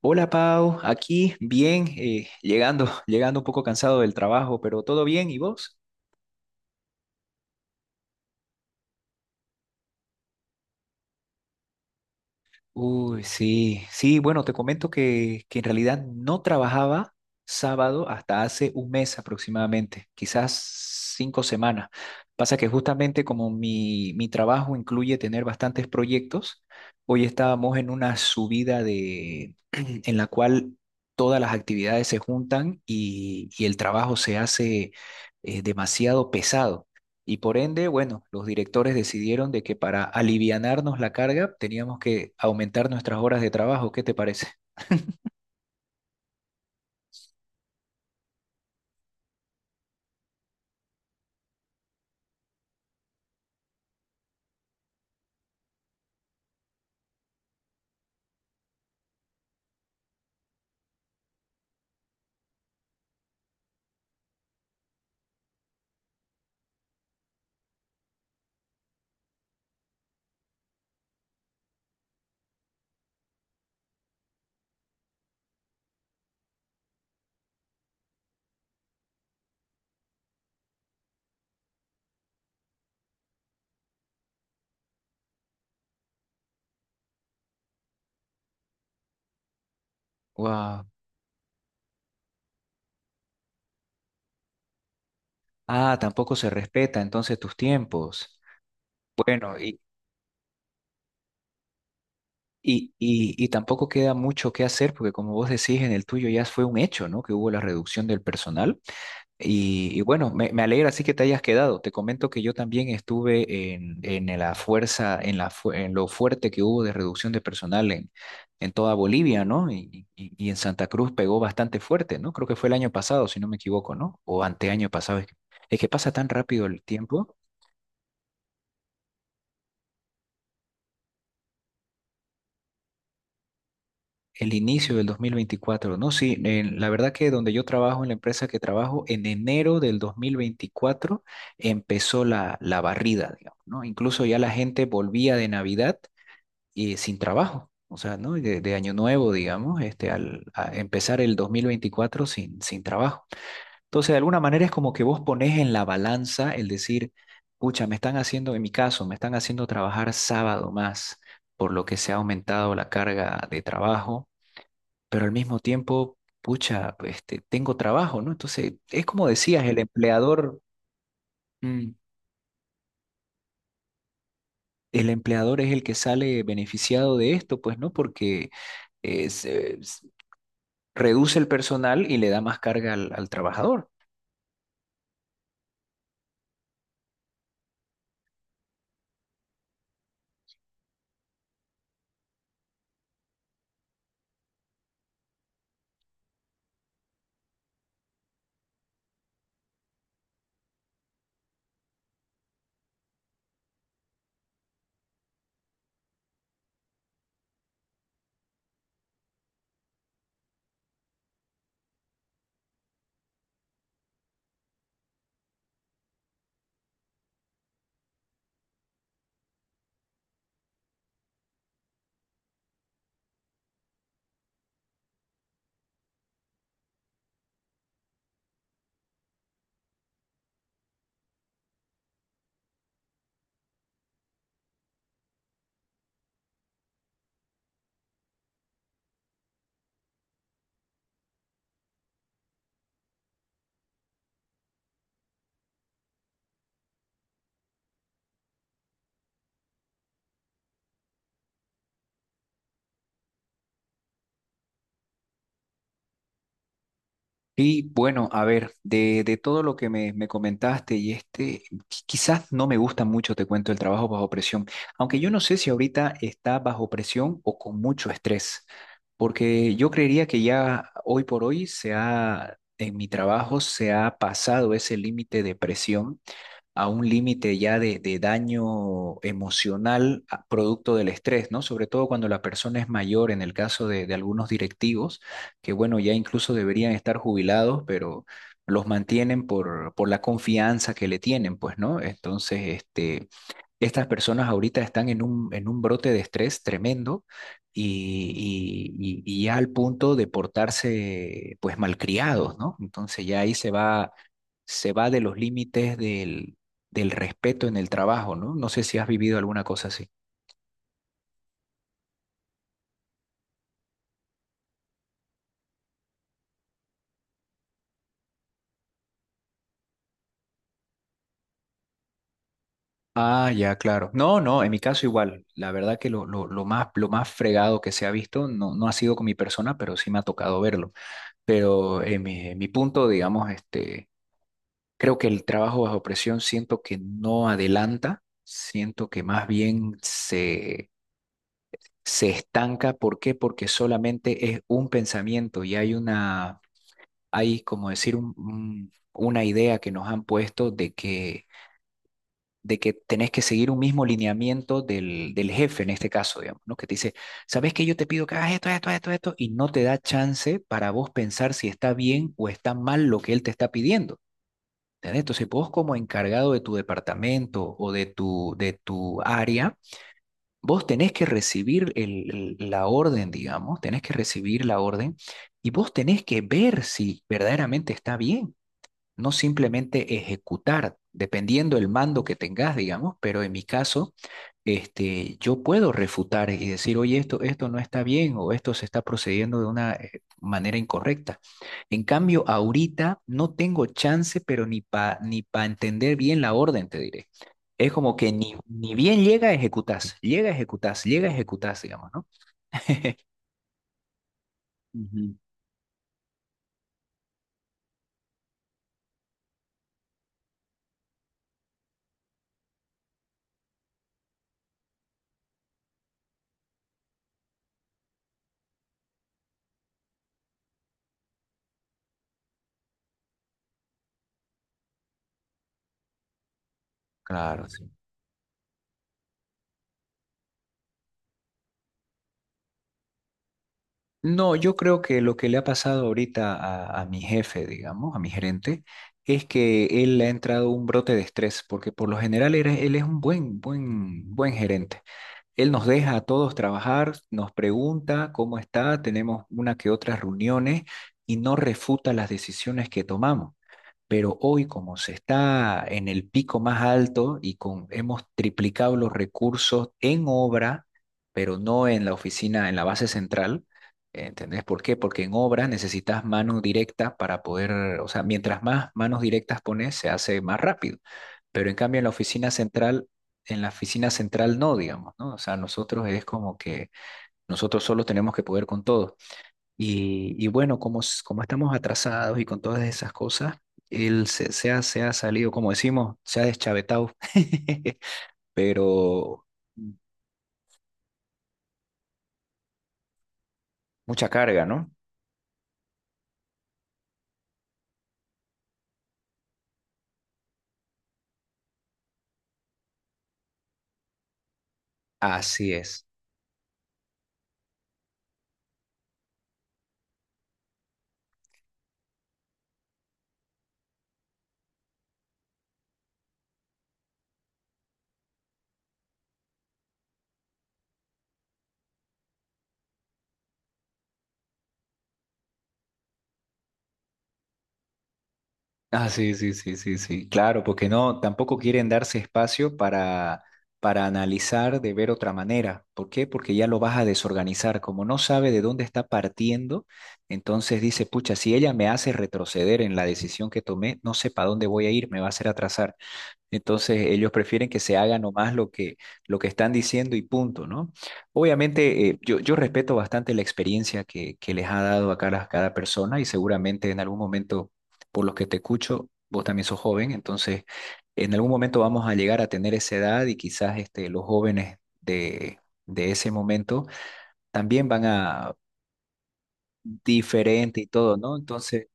Hola Pau, aquí bien, llegando, llegando un poco cansado del trabajo, pero todo bien, ¿y vos? Uy, sí, sí, bueno, te comento que en realidad no trabajaba sábado hasta hace un mes aproximadamente, quizás cinco semanas. Pasa que justamente como mi trabajo incluye tener bastantes proyectos, hoy estábamos en una subida de, en la cual todas las actividades se juntan y el trabajo se hace demasiado pesado. Y por ende, bueno, los directores decidieron de que para alivianarnos la carga teníamos que aumentar nuestras horas de trabajo. ¿Qué te parece? Wow. Ah, tampoco se respeta entonces tus tiempos. Bueno, y tampoco queda mucho que hacer porque como vos decís, en el tuyo ya fue un hecho, ¿no? Que hubo la reducción del personal. Y bueno, me alegra así que te hayas quedado. Te comento que yo también estuve en la fuerza, en la, fu- en lo fuerte que hubo de reducción de personal en toda Bolivia, ¿no? Y en Santa Cruz pegó bastante fuerte, ¿no? Creo que fue el año pasado, si no me equivoco, ¿no? O anteaño pasado. Es que pasa tan rápido el tiempo. El inicio del dos mil veinticuatro, ¿no? Sí, en- la verdad que donde yo trabajo, en la empresa que trabajo, en enero del 2024 empezó la barrida, digamos, ¿no? Incluso ya la gente volvía de Navidad y sin trabajo. O sea, ¿no? De año nuevo, digamos, este, al a empezar el 2024 sin trabajo. Entonces, de alguna manera es como que vos pones en la balanza el decir, pucha, me están haciendo, en mi caso, me están haciendo trabajar sábado más, por lo que se ha aumentado la carga de trabajo, pero al mismo tiempo, pucha, este, tengo trabajo, ¿no? Entonces, es como decías, el empleador, mm, el empleador es el que sale beneficiado de esto, pues, ¿no? Porque es, s- reduce el personal y le da más carga al, al trabajador. Y bueno, a ver, de todo lo que me comentaste y este, qui- quizás no me gusta mucho, te cuento, el trabajo bajo presión, aunque yo no sé si ahorita está bajo presión o con mucho estrés, porque yo creería que ya hoy por hoy se ha, en mi trabajo se ha pasado ese límite de presión a un límite ya de daño emocional a- producto del estrés, ¿no? Sobre todo cuando la persona es mayor, en el caso de algunos directivos, que bueno, ya incluso deberían estar jubilados, pero los mantienen por la confianza que le tienen, pues, ¿no? Entonces, este, estas personas ahorita están en un brote de estrés tremendo y ya al punto de portarse, pues, malcriados, ¿no? Entonces ya ahí se va de los límites del, del respeto en el trabajo, ¿no? No sé si has vivido alguna cosa así. Ah, ya, claro. No, no, en mi caso igual. La verdad que lo más fregado que se ha visto no, no ha sido con mi persona, pero sí me ha tocado verlo. Pero en mi punto, digamos, este, creo que el trabajo bajo presión siento que no adelanta, siento que más bien se, se estanca. ¿Por qué? Porque solamente es un pensamiento y hay una, hay como decir, un- una idea que nos han puesto de que tenés que seguir un mismo lineamiento del, del jefe en este caso, digamos, ¿no? Que te dice, ¿sabes que yo te pido que hagas esto, esto, esto, esto? Y no te da chance para vos pensar si está bien o está mal lo que él te está pidiendo. ¿Entendés? Entonces, vos como encargado de tu departamento o de tu área, vos tenés que recibir el- la orden, digamos, tenés que recibir la orden y vos tenés que ver si verdaderamente está bien no simplemente ejecutar, dependiendo el mando que tengas, digamos, pero en mi caso, este, yo puedo refutar y decir, oye, esto no está bien o esto se está procediendo de una manera incorrecta. En cambio, ahorita no tengo chance, pero ni para ni pa entender bien la orden, te diré. Es como que ni bien llega, ejecutás, llega, ejecutás, llega, ejecutás, digamos, ¿no? Ujú. Claro, sí. No, yo creo que lo que le ha pasado ahorita a mi jefe, digamos, a mi gerente, es que él le ha entrado un brote de estrés, porque por lo general era- él es un buen gerente. Él nos deja a todos trabajar, nos pregunta cómo está, tenemos una que otras reuniones y no refuta las decisiones que tomamos. Pero hoy, como se está en el pico más alto y con, hemos triplicado los recursos en obra, pero no en la oficina, en la base central, ¿entendés por qué? Porque en obra necesitas mano directa para poder, o sea, mientras más manos directas pones, se hace más rápido. Pero en cambio en la oficina central, no, digamos, ¿no? O sea, nosotros es como que nosotros solos tenemos que poder con todo. Y bueno, como, s- como estamos atrasados y con todas esas cosas, él se ha salido, como decimos, se ha deschavetado, pero mucha carga, ¿no? Así es. Ah, sí, sí, sí, sí, sí, claro, porque no, tampoco quieren darse espacio para analizar de ver otra manera. ¿Por qué? Porque ya lo vas a desorganizar. Como no sabe de dónde está partiendo, entonces dice, pucha, si ella me hace retroceder en la decisión que tomé, no sé para dónde voy a ir, me va a hacer atrasar. Entonces ellos prefieren que se haga nomás lo que están diciendo y punto, ¿no? Obviamente yo respeto bastante la experiencia que les ha dado a cada persona y seguramente en algún momento, por los que te escucho, vos también sos joven, entonces en algún momento vamos a llegar a tener esa edad y quizás este, los jóvenes de ese momento también van a diferente y todo, ¿no? Entonces...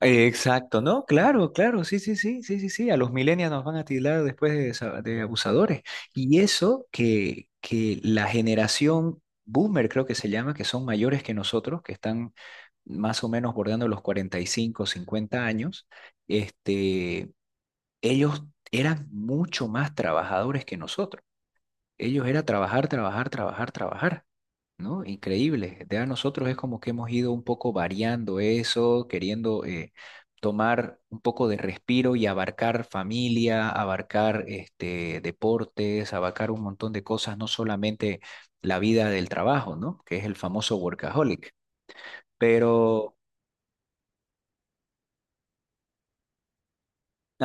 Exacto, ¿no? Claro, claro, sí, sí, sí, sí, sí, sí, a los millennials nos van a tildar después de, sa- de abusadores. Y eso que la generación boomer, creo que se llama, que son mayores que nosotros, que están más o menos bordeando los 45, 50 años, este, ellos eran mucho más trabajadores que nosotros. Ellos era trabajar, trabajar, trabajar, trabajar, ¿no? Increíble. De a nosotros es como que hemos ido un poco variando eso, queriendo tomar un poco de respiro y abarcar familia, abarcar este, deportes, abarcar un montón de cosas, no solamente la vida del trabajo, ¿no? Que es el famoso workaholic. Pero,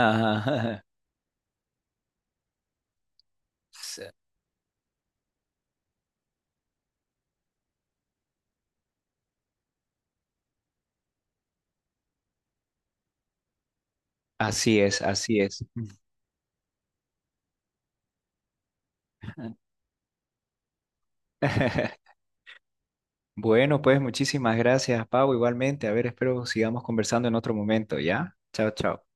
ajá, así es, así es. Bueno, pues muchísimas gracias, Pau, igualmente. A ver, espero sigamos conversando en otro momento, ¿ya? Chao, chao.